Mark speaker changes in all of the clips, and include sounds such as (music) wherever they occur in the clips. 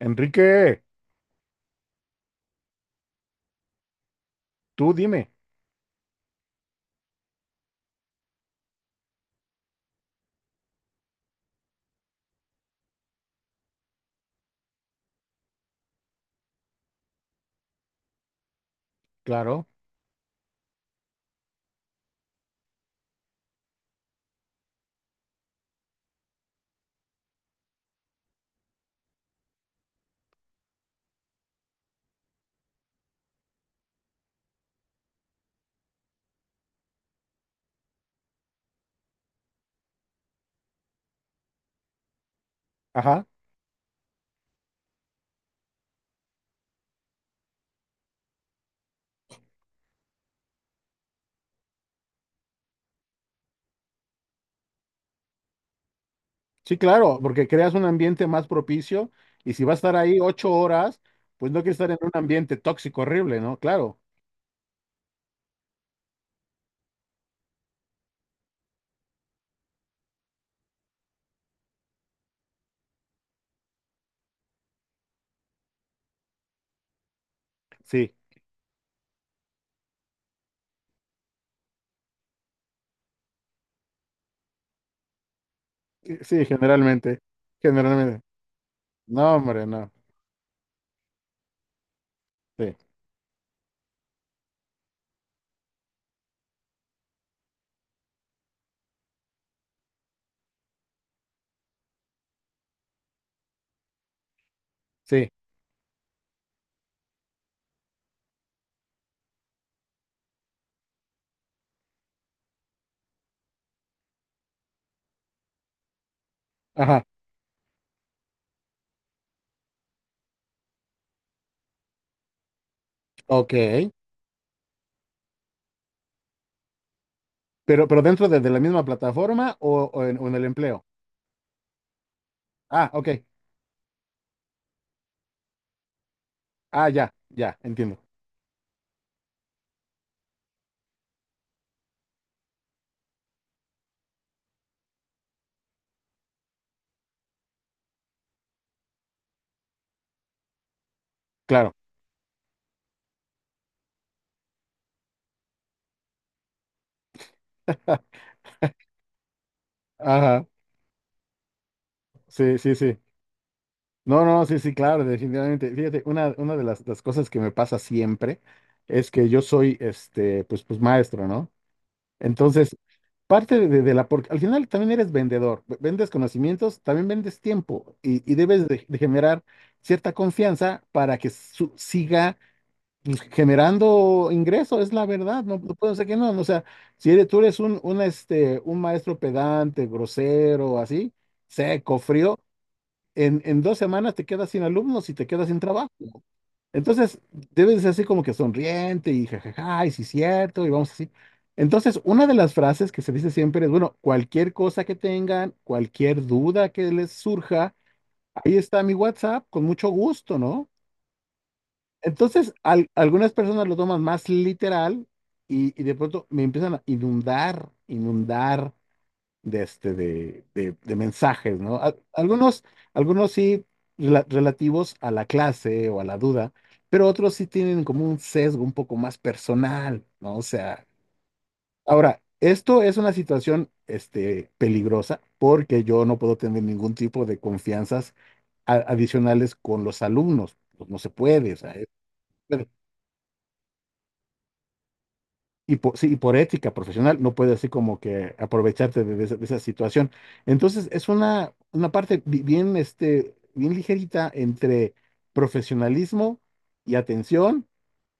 Speaker 1: Enrique, tú dime. Claro. Ajá. Sí, claro, porque creas un ambiente más propicio y si va a estar ahí 8 horas, pues no quiere estar en un ambiente tóxico horrible, ¿no? Claro. Sí. Sí, generalmente, generalmente, no, hombre, no. Sí, sí. Ajá. Ok. Pero dentro de la misma plataforma o, o en el empleo. Ah, ok. Ah, ya, ya, entiendo. Claro. (laughs) Ajá. Sí, sí, sí. No, no, sí, sí, claro, definitivamente. Fíjate, una de las cosas que me pasa siempre es que yo soy, pues maestro, ¿no? Entonces, parte porque al final también eres vendedor, vendes conocimientos, también vendes tiempo y debes de generar cierta confianza para que siga pues, generando ingreso, es la verdad, no, no puedo decir que no, no, o sea, si eres, tú eres un maestro pedante, grosero, así, seco, frío en 2 semanas te quedas sin alumnos y te quedas sin trabajo. Entonces, debes ser así como que sonriente y jajaja, y sí, cierto, y vamos así. Entonces, una de las frases que se dice siempre es, bueno, cualquier cosa que tengan, cualquier duda que les surja, ahí está mi WhatsApp, con mucho gusto, ¿no? Entonces, algunas personas lo toman más literal y de pronto me empiezan a inundar, inundar de, este, de mensajes, ¿no? Algunos, algunos sí relativos a la clase o a la duda, pero otros sí tienen como un sesgo un poco más personal, ¿no? O sea, ahora, esto es una situación, peligrosa porque yo no puedo tener ningún tipo de confianzas adicionales con los alumnos, pues. No se puede, o sea, y por, sí, y por ética profesional no puedes así como que aprovecharte de esa, de esa situación. Entonces es una parte bien, bien ligerita entre profesionalismo y atención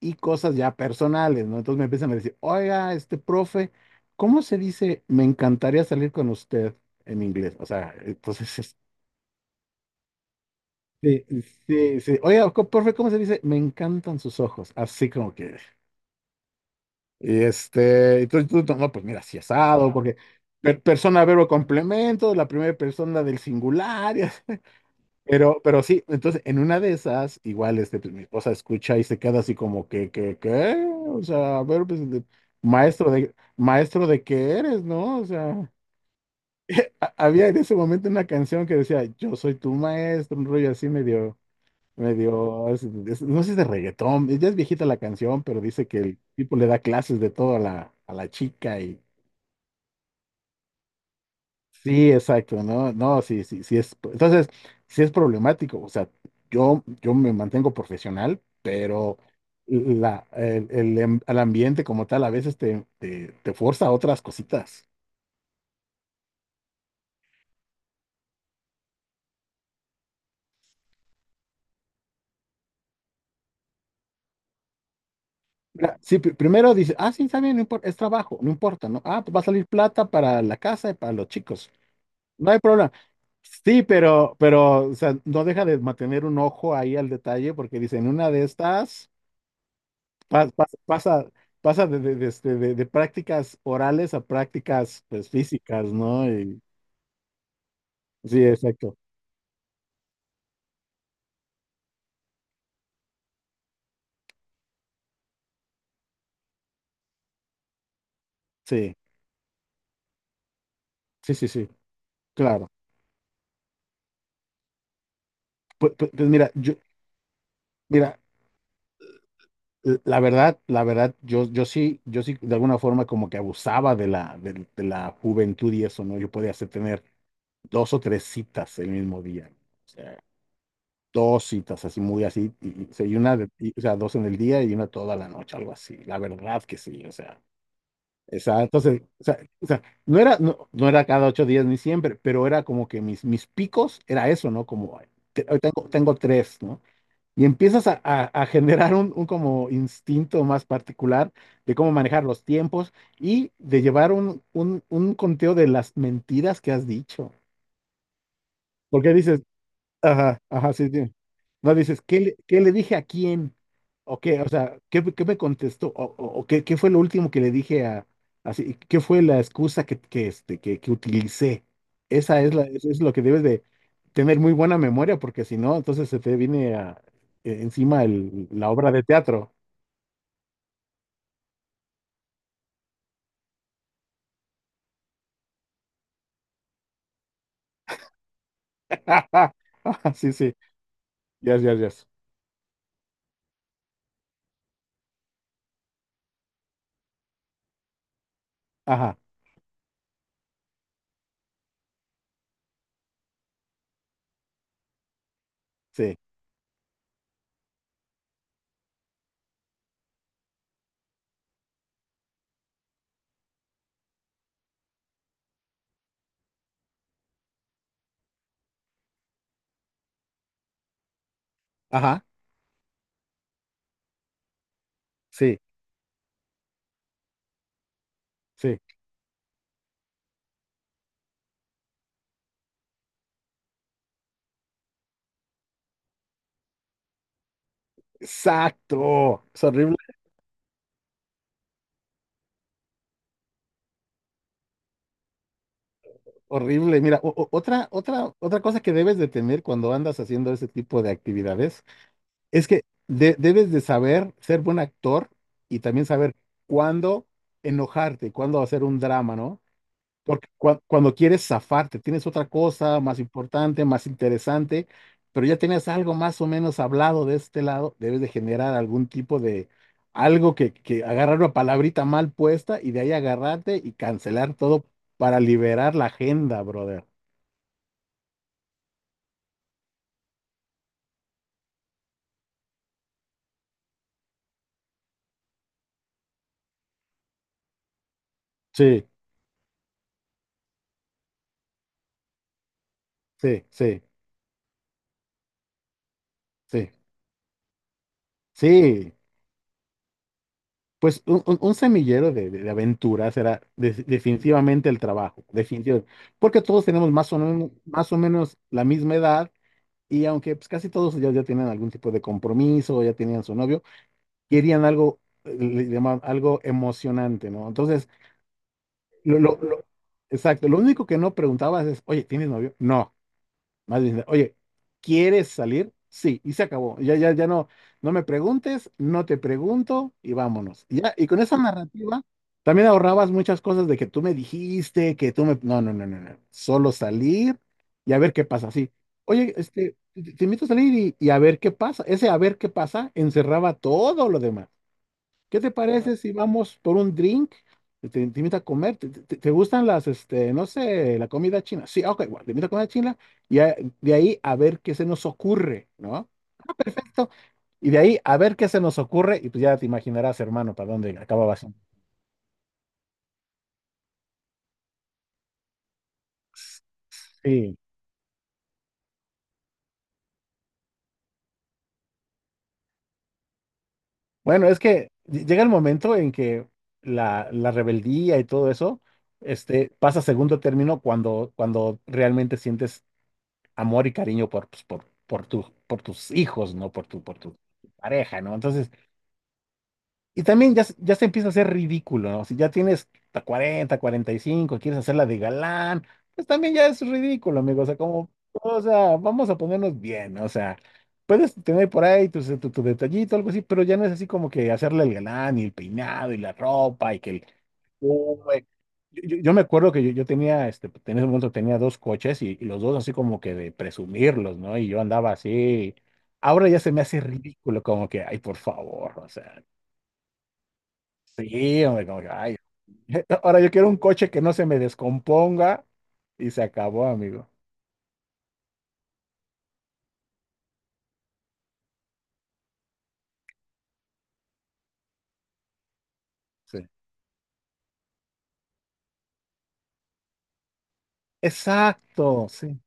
Speaker 1: y cosas ya personales, ¿no? Entonces me empiezan a decir, oiga, este profe, ¿cómo se dice? Me encantaría salir con usted en inglés. O sea, entonces, (laughs) sí, sí, sí. Oiga, profe, ¿cómo se dice? Me encantan sus ojos. Así como que... Y este, entonces tú, no, pues mira, si asado, porque persona, verbo, complemento, la primera persona del singular, y así. Pero sí, entonces en una de esas, igual, pues, mi esposa escucha y se queda así como que, ¿qué? O sea, a ver, pues, maestro de qué eres, ¿no? O sea, había en ese momento una canción que decía, yo soy tu maestro, un rollo así medio, medio, no sé si es de reggaetón, ya es viejita la canción, pero dice que el tipo le da clases de todo a la chica y sí, exacto, no, no, sí, sí, sí es, entonces, sí es problemático, o sea, yo me mantengo profesional, pero la, el, al ambiente como tal a veces te, te, te forza a otras cositas. Mira, sí, primero dice, ah, sí, está bien, no importa, es trabajo, no importa, ¿no? Ah, pues va a salir plata para la casa y para los chicos, no hay problema. Sí, pero, o sea, no deja de mantener un ojo ahí al detalle porque dicen, una de estas... pasa, pasa de prácticas orales a prácticas pues, físicas, ¿no? Sí, exacto. Sí, sí, sí, sí, claro. Pues mira, yo, mira, la verdad, yo sí, yo sí de alguna forma como que abusaba de la juventud y eso, ¿no? Yo podía hacer tener dos o tres citas el mismo día. O sea, dos citas así muy así, y, o sea, y una o sea, dos en el día y una toda la noche, algo así. La verdad que sí, o sea. Exacto, entonces, o sea, no era, no, no era cada 8 días ni siempre, pero era como que mis, mis picos era eso, ¿no? Como, hoy tengo, tengo tres, ¿no? Y empiezas a, a generar un como instinto más particular de cómo manejar los tiempos y de llevar un conteo de las mentiras que has dicho. Porque dices, ajá, ajá, sí, sí. No, dices, qué le dije a quién? ¿O qué? O sea, ¿qué, qué me contestó? ¿O, o qué, qué fue lo último que le dije a...? Así, ¿qué fue la excusa que, que utilicé? Esa es la, eso es lo que debes de tener muy buena memoria, porque si no, entonces se te viene encima la obra de teatro. (laughs) Ajá, sí, sí. Yes, yes, yes. Ajá, sí. Ajá, sí, sí. Exacto. Es horrible. Horrible. Mira, otra, otra, otra cosa que debes de tener cuando andas haciendo ese tipo de actividades es que debes de saber ser buen actor y también saber cuándo enojarte, cuándo hacer un drama, ¿no? Porque cuando quieres zafarte, tienes otra cosa más importante, más interesante, pero ya tienes algo más o menos hablado de este lado, debes de generar algún tipo de algo que agarrar una palabrita mal puesta y de ahí agarrarte y cancelar todo para liberar la agenda, brother. Sí, sí, sí, sí, sí. Pues un, un semillero de aventuras era definitivamente el trabajo, definitivamente. Porque todos tenemos más o menos la misma edad y aunque pues, casi todos ya, ya tienen algún tipo de compromiso, ya tenían su novio, querían algo, le llamaban algo emocionante, ¿no? Entonces, lo, lo- lo- exacto, lo único que no preguntabas es, oye, ¿tienes novio? No. Más bien, oye, ¿quieres salir? Sí, y se acabó. Ya, ya, ya no, no me preguntes, no te pregunto y vámonos. Y ya, y con esa narrativa también ahorrabas muchas cosas de que tú me dijiste, que tú me. No, no, no, no, no. Solo salir y a ver qué pasa. Sí. Oye, te, te invito a salir y a ver qué pasa. Ese a ver qué pasa encerraba todo lo demás. ¿Qué te parece si vamos por un drink? Te invito a comer. ¿Te, te gustan las, no sé, la comida china? Sí, ok, bueno, te invito a comer china y a- de ahí a ver qué se nos ocurre, ¿no? Esto. Y de ahí a ver qué se nos ocurre y pues ya te imaginarás, hermano, para dónde acababa siendo. Sí. Bueno, es que llega el momento en que la rebeldía y todo eso, pasa a segundo término cuando, cuando realmente sientes amor y cariño por, pues, por, por tus hijos, ¿no? Por tu pareja, ¿no? Entonces, y también ya, ya se empieza a hacer ridículo, ¿no? Si ya tienes hasta 40, 45, quieres hacerla de galán, pues también ya es ridículo, amigo. O sea, como, o sea, vamos a ponernos bien, ¿no? O sea, puedes tener por ahí tu, tu, tu detallito, algo así, pero ya no es así como que hacerle el galán y el peinado y la ropa y que el uh, güey. Yo, yo me acuerdo que yo tenía, pues, en ese momento tenía dos coches y los dos así como que de presumirlos, ¿no? Y yo andaba así. Ahora ya se me hace ridículo, como que, ay, por favor, o sea, sí, hombre, como que, ay. (laughs) Ahora yo quiero un coche que no se me descomponga y se acabó, amigo. Sí. Exacto, sí.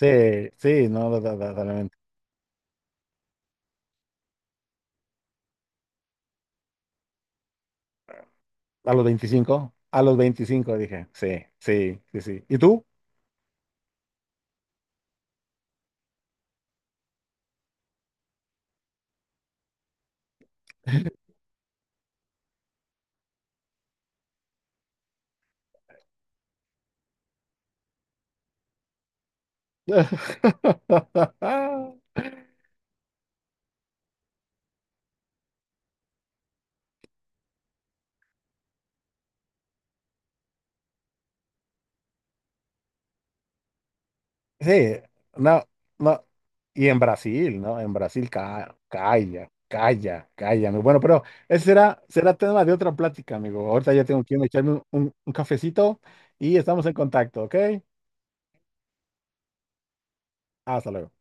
Speaker 1: Sí, sí, no, totalmente. A los 25, a los 25 dije, sí, sí, sí, sí. ¿Y tú? (laughs) Sí, no, no. Y en Brasil, ¿no? En Brasil, calla, calla, calla, amigo. Bueno, pero ese será, será tema de otra plática, amigo. Ahorita ya tengo que irme a echarme un un cafecito y estamos en contacto, ¿ok? Hasta luego.